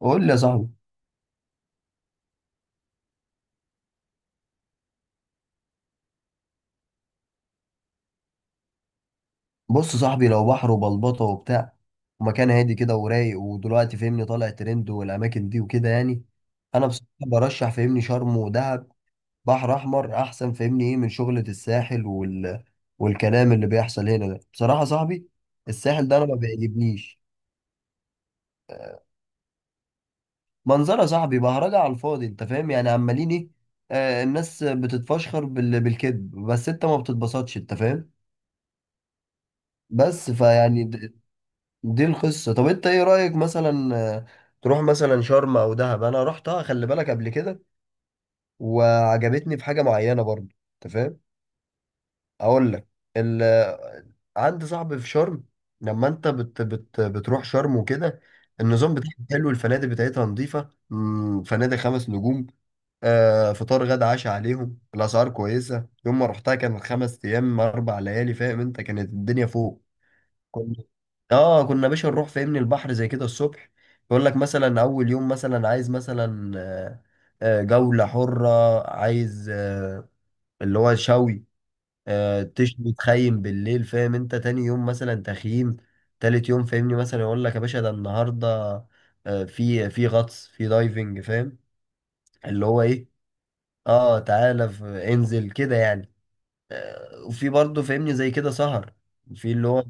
قول لي يا صاحبي. بص يا صاحبي، لو بحر وبلبطه وبتاع ومكان هادي كده ورايق، ودلوقتي فهمني طالع ترند والاماكن دي وكده يعني. انا بصراحه برشح فهمني شرم ودهب. بحر احمر احسن فهمني. ايه من شغله الساحل وال... والكلام اللي بيحصل هنا ده بصراحه يا صاحبي، الساحل ده انا ما بيعجبنيش. منظره يا صاحبي، بهرجه على الفاضي، انت فاهم يعني، عمالين ايه. آه الناس بتتفشخر بالكذب، بس انت ما بتتبسطش، انت فاهم. بس فيعني دي القصة. طب انت ايه رأيك؟ مثلا تروح مثلا شرم او دهب. انا رحتها خلي بالك قبل كده، وعجبتني في حاجة معينة برضو، انت فاهم. اقول لك، ال... آه، عندي صاحبي في شرم. لما انت بتروح شرم وكده، النظام بتاعها حلو، الفنادق بتاعتها نظيفة، فنادق 5 نجوم. آه فطار غدا عشاء عليهم، الاسعار كويسة. يوم ما رحتها كانت 5 ايام 4 ليالي، فاهم انت، كانت الدنيا فوق. كنا اه كنا يا باشا نروح فاهمني البحر زي كده الصبح. يقول لك مثلا اول يوم مثلا عايز مثلا جولة حرة. عايز اللي هو شوي، تشوي تخيم بالليل، فاهم انت. تاني يوم مثلا تخييم، تالت يوم فاهمني مثلا يقول لك يا باشا ده النهارده في غطس في دايفنج، فاهم. اللي هو ايه، اه تعالى انزل كده يعني. وفي برضه فاهمني زي كده سهر في اللي هو.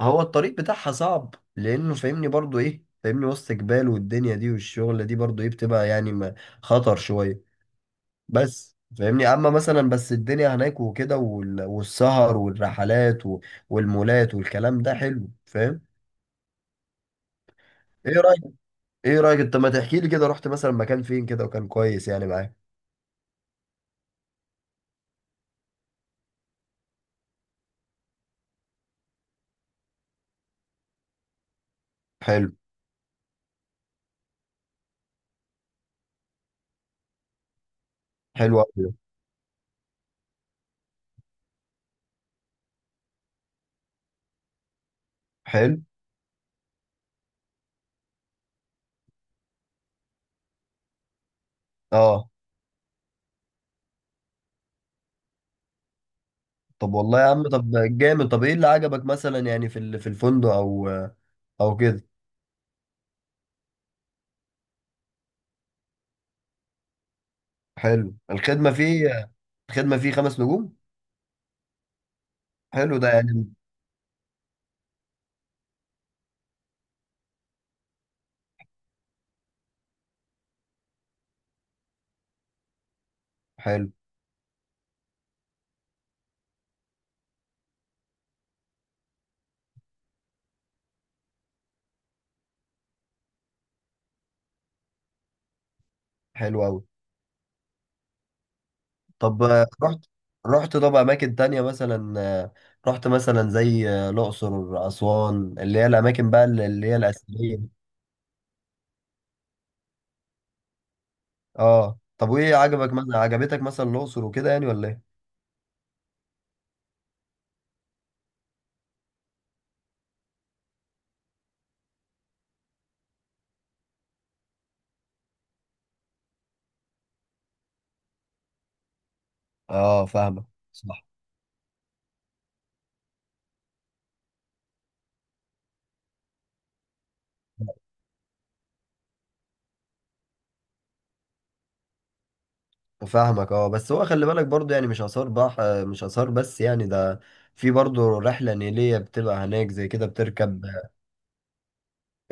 هو الطريق بتاعها صعب، لانه فاهمني برضو ايه، فاهمني وسط جبال، والدنيا دي والشغلة دي برضو ايه بتبقى يعني خطر شوية. بس فاهمني، اما مثلا، بس الدنيا هناك وكده والسهر والرحلات والمولات والكلام ده حلو، فاهم. ايه رأيك ايه رأيك انت ما تحكي لي كده رحت مثلا مكان فين كده وكان كويس يعني معاك. حلو. حلو أوي ده. حلو اه. طب والله يا عم، طب جامد. طب ايه اللي عجبك مثلا، يعني في في الفندق او او كده؟ حلو الخدمة فيه. الخدمة فيه 5 نجوم، حلو ده يعني. حلو، حلو أوي. طب رحت طب أماكن تانية مثلا، رحت مثلا زي الأقصر أسوان، اللي هي الأماكن بقى اللي هي الأثرية دي. اه طب، وإيه عجبك مثلا، عجبتك مثلا الأقصر وكده يعني ولا إيه؟ اه فاهمك. صح فاهمك اه. بس هو خلي بالك برضو يعني مش آثار بس يعني ده. في برضو رحلة نيلية بتبقى هناك زي كده بتركب،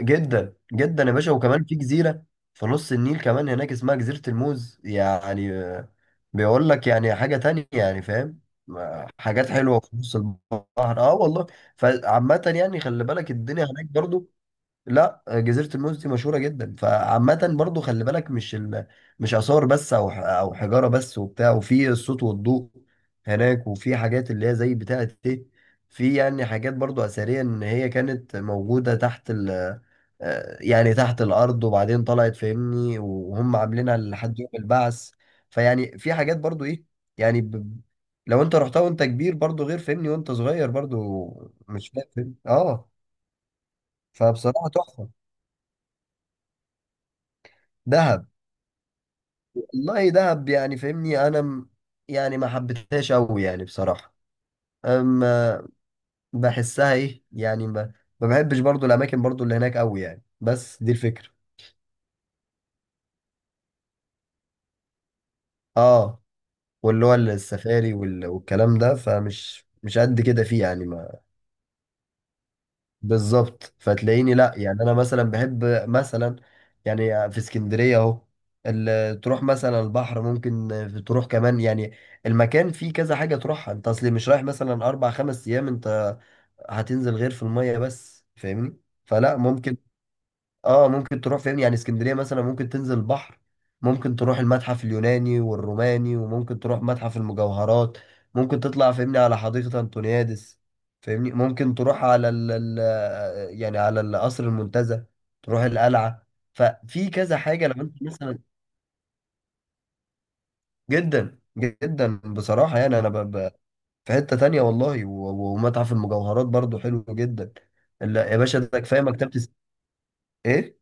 جدا جدا يا باشا. وكمان في جزيرة في نص النيل كمان هناك اسمها جزيرة الموز يعني، بيقول لك يعني حاجة تانية يعني، فاهم. حاجات حلوة في نص البحر، اه والله. فعامة يعني خلي بالك الدنيا هناك برضو. لا، جزيرة الموز دي مشهورة جدا. فعامة برضو خلي بالك، مش مش آثار بس، أو أو حجارة بس وبتاع، وفي الصوت والضوء هناك، وفي حاجات اللي هي زي بتاعة إيه. في يعني حاجات برضو أثرية، إن هي كانت موجودة تحت ال... آه، يعني تحت الأرض، وبعدين طلعت فاهمني، وهم عاملينها لحد يوم البعث. فيعني في حاجات برضو إيه، يعني لو أنت رحتها وأنت كبير برضو غير فاهمني وأنت صغير برضو. مش فاهم اه. فبصراحة تحفة. دهب، والله دهب يعني فاهمني يعني ما حبيتهاش قوي يعني بصراحه. اما بحسها ايه يعني ما بحبش برضو الاماكن برضو اللي هناك قوي يعني، بس دي الفكره. اه، واللي هو السفاري والكلام ده، فمش مش قد كده فيه يعني. بالظبط، فتلاقيني لا يعني، انا مثلا بحب مثلا يعني، في اسكندريه اهو تروح مثلا البحر، ممكن تروح كمان يعني. المكان فيه كذا حاجه تروحها، انت اصلي مش رايح مثلا اربع خمس ايام انت هتنزل غير في الميه بس، فاهمني. فلا ممكن اه، ممكن تروح فين يعني؟ اسكندرية مثلا ممكن تنزل البحر، ممكن تروح المتحف اليوناني والروماني، وممكن تروح متحف المجوهرات، ممكن تطلع فاهمني على حديقة انطونيادس، فاهمني ممكن تروح على ال يعني على القصر المنتزه، تروح القلعة. ففي كذا حاجة لو انت مثلا. جدا جدا بصراحة، يعني في حتة تانية والله، ومتحف المجوهرات برضو حلو جدا. لا يا باشا ده كفايه ايه.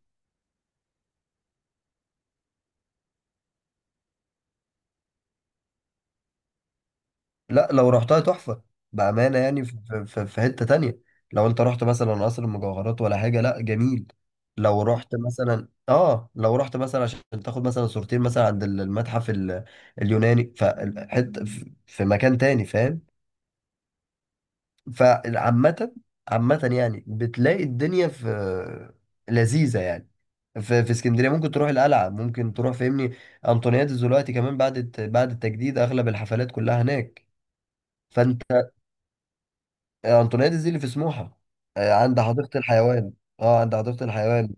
لا لو رحتها تحفة، بأمانة يعني، في حتة تانية. لو انت رحت مثلا قصر المجوهرات ولا حاجة، لا جميل. لو رحت مثلا اه، لو رحت مثلا عشان تاخد مثلا صورتين مثلا عند المتحف اليوناني، فحتة في مكان تاني، فاهم. فعامة، عامة يعني بتلاقي الدنيا في لذيذة يعني. في اسكندريه ممكن تروح القلعه، ممكن تروح فاهمني انطونيادس، دلوقتي كمان بعد بعد التجديد اغلب الحفلات كلها هناك. انطونيادس دي اللي في سموحه، عند حديقه الحيوان، اه عند حديقه الحيوان،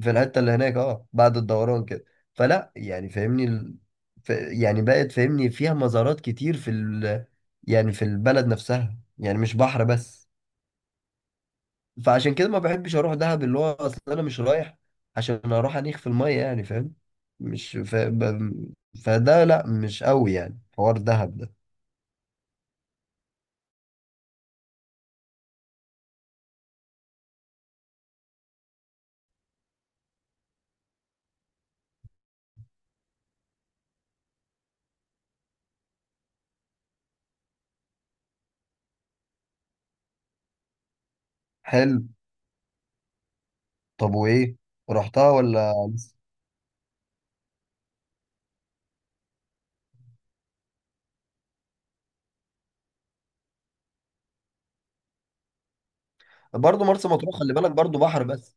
في الحته اللي هناك اه بعد الدوران كده. فلا يعني فاهمني يعني بقت فاهمني فيها مزارات كتير في يعني في البلد نفسها، يعني مش بحر بس. فعشان كده ما بحبش اروح دهب، اللي هو اصل انا مش رايح عشان اروح انيخ في الميه، يعني فاهم. مش ف... ب... فده لا، مش قوي يعني حوار دهب ده. حلو. طب وايه، رحتها ولا؟ برضه مرسى مطروح خلي بالك برضه بحر بس.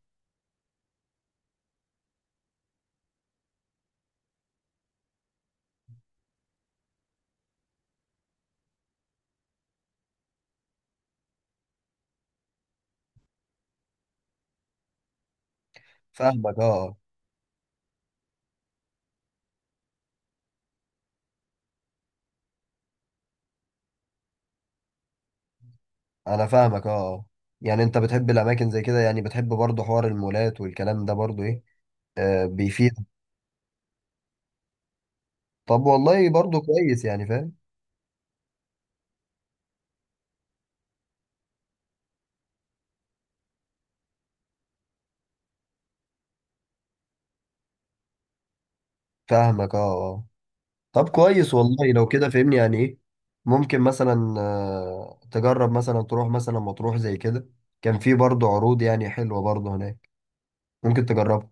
فاهمك اه. انا فاهمك اه. يعني انت بتحب الاماكن زي كده يعني، بتحب برضه حوار المولات والكلام ده برضه ايه. آه بيفيد. طب والله برضه كويس يعني فاهم. فاهمك اه، اه. طب كويس والله، لو كده فهمني يعني ايه ممكن مثلا، تجرب مثلا تروح مثلا مطروح زي كده. كان في برضه عروض يعني حلوة برضه هناك، ممكن تجربها.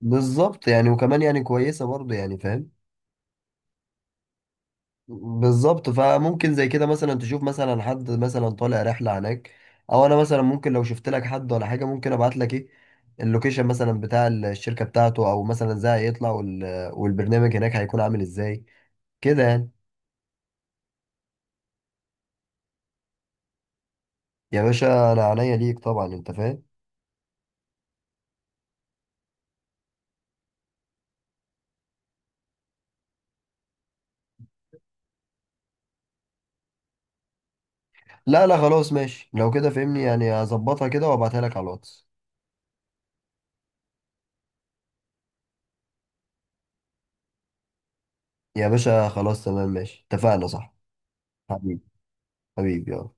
بالظبط يعني، وكمان يعني كويسة برضه، يعني فاهم. بالظبط، فممكن زي كده مثلا تشوف مثلا حد مثلا طالع رحلة هناك، او انا مثلا ممكن لو شفت لك حد ولا حاجة ممكن ابعت لك ايه اللوكيشن مثلا بتاع الشركة بتاعته، او مثلا ازاي هيطلع والبرنامج هناك هيكون عامل ازاي كده يعني. يا باشا انا عينيا ليك طبعا، انت فاهم. لا لا خلاص ماشي، لو كده فهمني يعني هظبطها كده وابعتها لك على الواتس. يا باشا خلاص تمام، ماشي اتفقنا صح. حبيبي، حبيبي يلا.